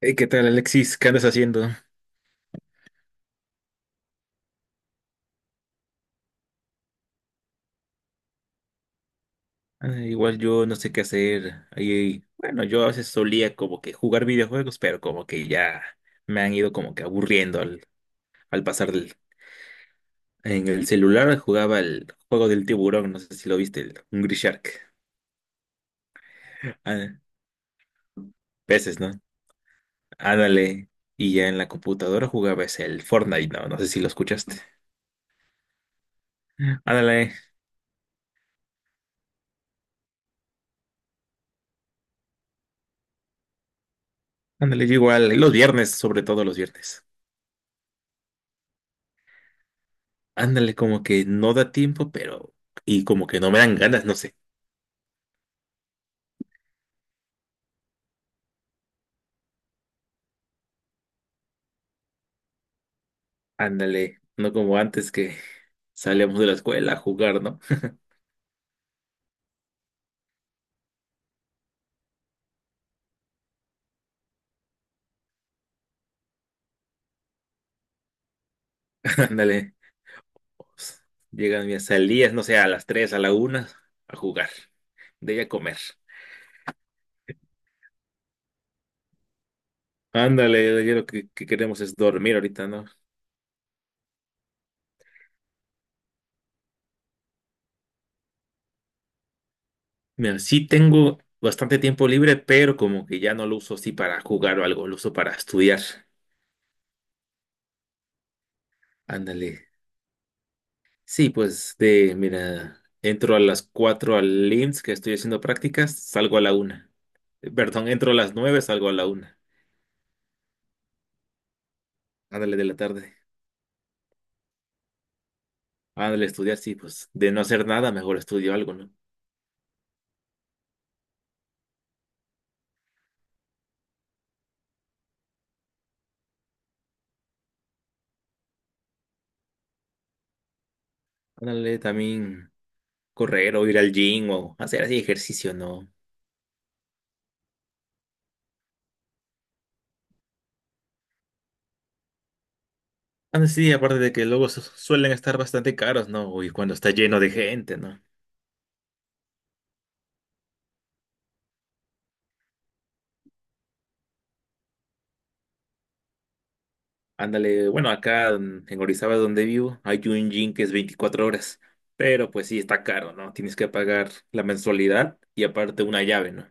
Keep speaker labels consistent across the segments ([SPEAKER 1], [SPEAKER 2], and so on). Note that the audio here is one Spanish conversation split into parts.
[SPEAKER 1] Hey, ¿qué tal, Alexis? ¿Qué andas haciendo? Ah, igual yo no sé qué hacer. Ahí, bueno, yo a veces solía como que jugar videojuegos, pero como que ya me han ido como que aburriendo al, al pasar del... En el celular jugaba el juego del tiburón, no sé si lo viste, el Hungry Shark. Ah, peces, ¿no? Ándale. Y ya en la computadora jugaba ese, el Fortnite, ¿no? No sé si lo escuchaste. Ándale, ándale, yo igual. Y los viernes, sobre todo los viernes. Ándale, como que no da tiempo, pero... Y como que no me dan ganas, no sé. Ándale, no como antes que salíamos de la escuela a jugar, ¿no? Ándale, pues, llegan mis salidas, no sé, a las 3 a la una a jugar, de ahí a comer. Ándale, ya lo que queremos es dormir ahorita, ¿no? Mira, sí tengo bastante tiempo libre, pero como que ya no lo uso así para jugar o algo, lo uso para estudiar. Ándale. Sí, pues de, mira, entro a las 4 al IMSS que estoy haciendo prácticas, salgo a la una. Perdón, entro a las nueve, salgo a la una. Ándale, de la tarde. Ándale, estudiar, sí, pues de no hacer nada, mejor estudio algo, ¿no? Ándale, también correr o ir al gym o hacer así ejercicio, ¿no? Ándale, sí, aparte de que luego suelen estar bastante caros, ¿no? Y cuando está lleno de gente, ¿no? Ándale, bueno, acá en Orizaba, donde vivo, hay un gym que es 24 horas, pero pues sí, está caro, ¿no? Tienes que pagar la mensualidad y aparte una llave, ¿no?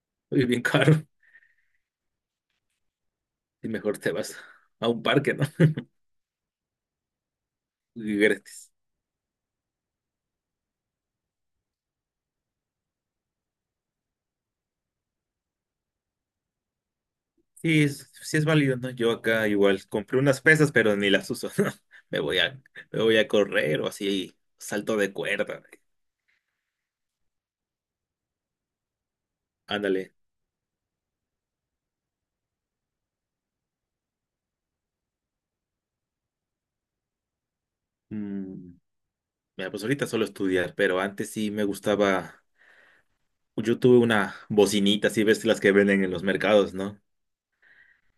[SPEAKER 1] Y bien caro, y mejor te vas a un parque, ¿no? Y gratis. Sí es válido, ¿no? Yo acá igual compré unas pesas, pero ni las uso, ¿no? Me voy a, me voy a correr o así, salto de cuerda. Ándale. Mm, mira, pues ahorita solo estudiar, pero antes sí me gustaba. Yo tuve una bocinita, así ves las que venden en los mercados, ¿no?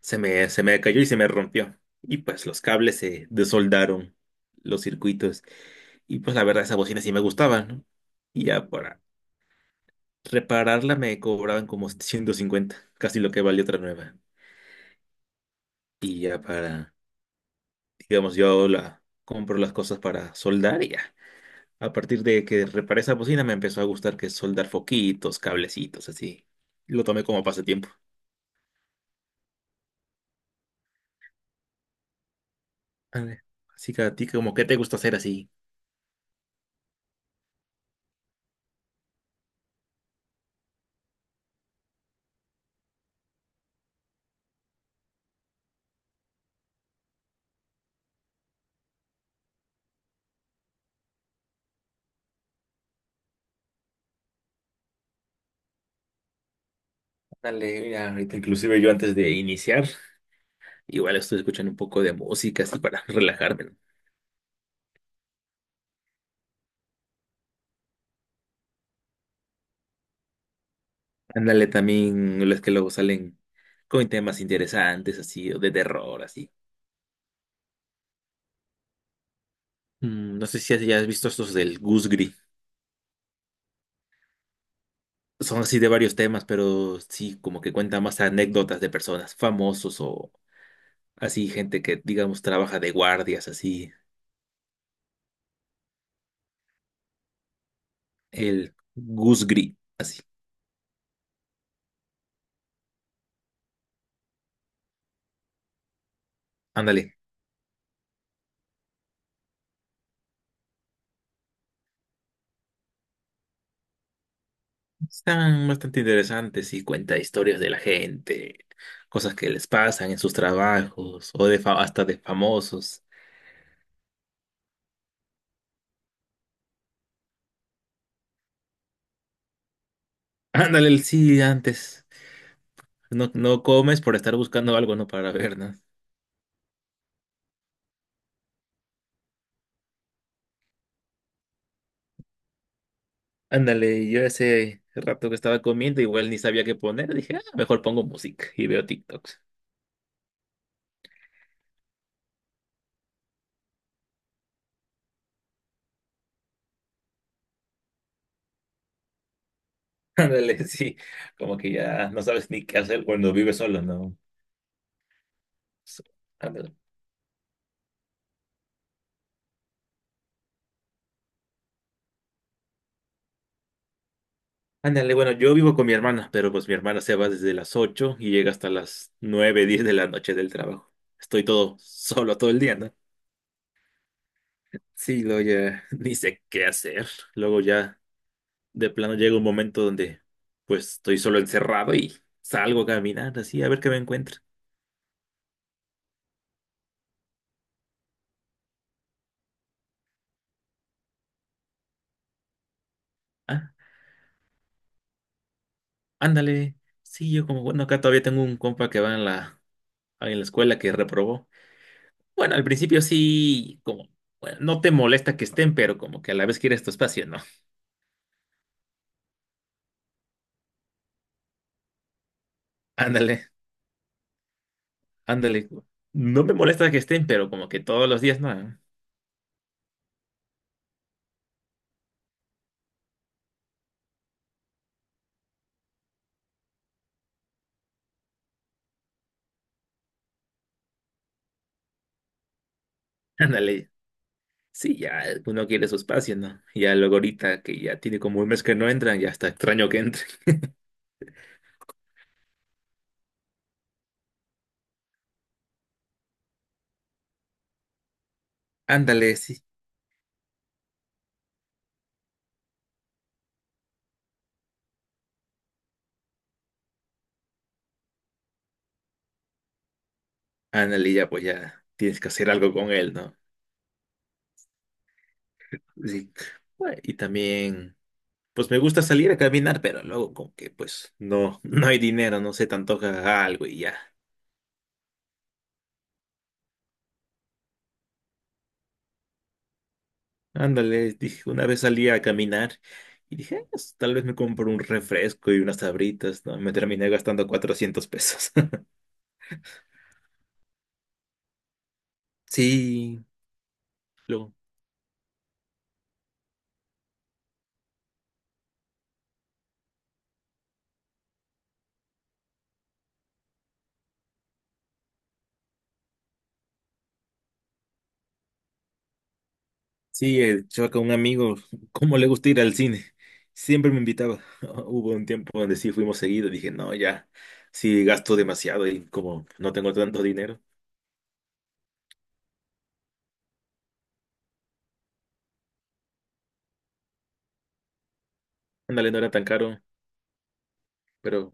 [SPEAKER 1] Se me cayó y se me rompió. Y pues los cables se desoldaron, los circuitos. Y pues la verdad, esa bocina sí me gustaba, ¿no? Y ya para repararla me cobraban como 150, casi lo que valió otra nueva. Y ya para, digamos, yo la, compro las cosas para soldar y ya. A partir de que reparé esa bocina me empezó a gustar que es soldar foquitos, cablecitos, así. Lo tomé como pasatiempo. Vale. Así que a ti, como, ¿qué te gusta hacer así? Dale, mira, ahorita inclusive yo antes de iniciar, igual estoy escuchando un poco de música así para relajarme, ¿no? Ándale, también los que luego salen con temas interesantes así, o de terror así. No sé si ya has visto estos del Goose. Son así de varios temas, pero sí, como que cuenta más anécdotas de personas, famosos o así, gente que, digamos, trabaja de guardias, así, el Goose Gris, así. Ándale. Están bastante interesantes y cuenta historias de la gente, cosas que les pasan en sus trabajos o de hasta de famosos. Ándale, el sí, antes. No, no comes por estar buscando algo, ¿no? Para ver, ¿no? Ándale, yo ese rato que estaba comiendo, igual ni sabía qué poner, dije, "Ah, mejor pongo música y veo TikToks". Ándale, sí, como que ya no sabes ni qué hacer cuando vives solo, ¿no? So, ándale. Ándale, bueno, yo vivo con mi hermana, pero pues mi hermana se va desde las 8 y llega hasta las 9 10 de la noche del trabajo. Estoy todo solo todo el día, ¿no? Sí, luego ya ni sé qué hacer. Luego ya de plano llega un momento donde pues estoy solo encerrado y salgo a caminar así a ver qué me encuentro. Ah, ándale. Sí, yo como, bueno, acá todavía tengo un compa que va en en la escuela que reprobó. Bueno, al principio sí, como, bueno, no te molesta que estén, pero como que a la vez quieres tu espacio, ¿no? Ándale, ándale. No me molesta que estén, pero como que todos los días, ¿no? Ándale. Sí, ya uno quiere su espacio, ¿no? Ya luego ahorita que ya tiene como un mes que no entran, ya está extraño que entren. Ándale, sí. Ándale, ya pues ya tienes que hacer algo con él, ¿no? Sí. Bueno, y también, pues me gusta salir a caminar, pero luego como que pues no, no hay dinero, no se te antoja algo y ya. Ándale, dije, una vez salí a caminar y dije, "Ah, pues, tal vez me compro un refresco y unas sabritas, ¿no?". Me terminé gastando 400 pesos. Sí, luego. Sí, el chavaca, un amigo, ¿cómo le gusta ir al cine? Siempre me invitaba. Hubo un tiempo donde sí fuimos seguido. Dije, no, ya, sí gasto demasiado y como no tengo tanto dinero. Ándale, no era tan caro, pero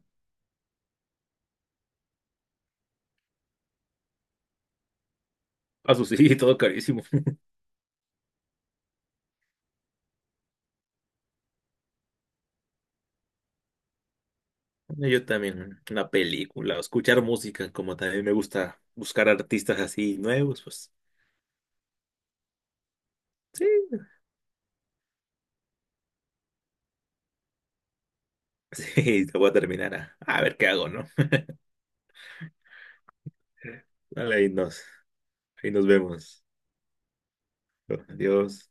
[SPEAKER 1] a su sí, todo carísimo. Yo también, una película, o escuchar música, como también me gusta buscar artistas así nuevos, pues sí. Sí, te voy a terminar a ver qué hago, ¿no? Dale, ahí nos vemos. Adiós.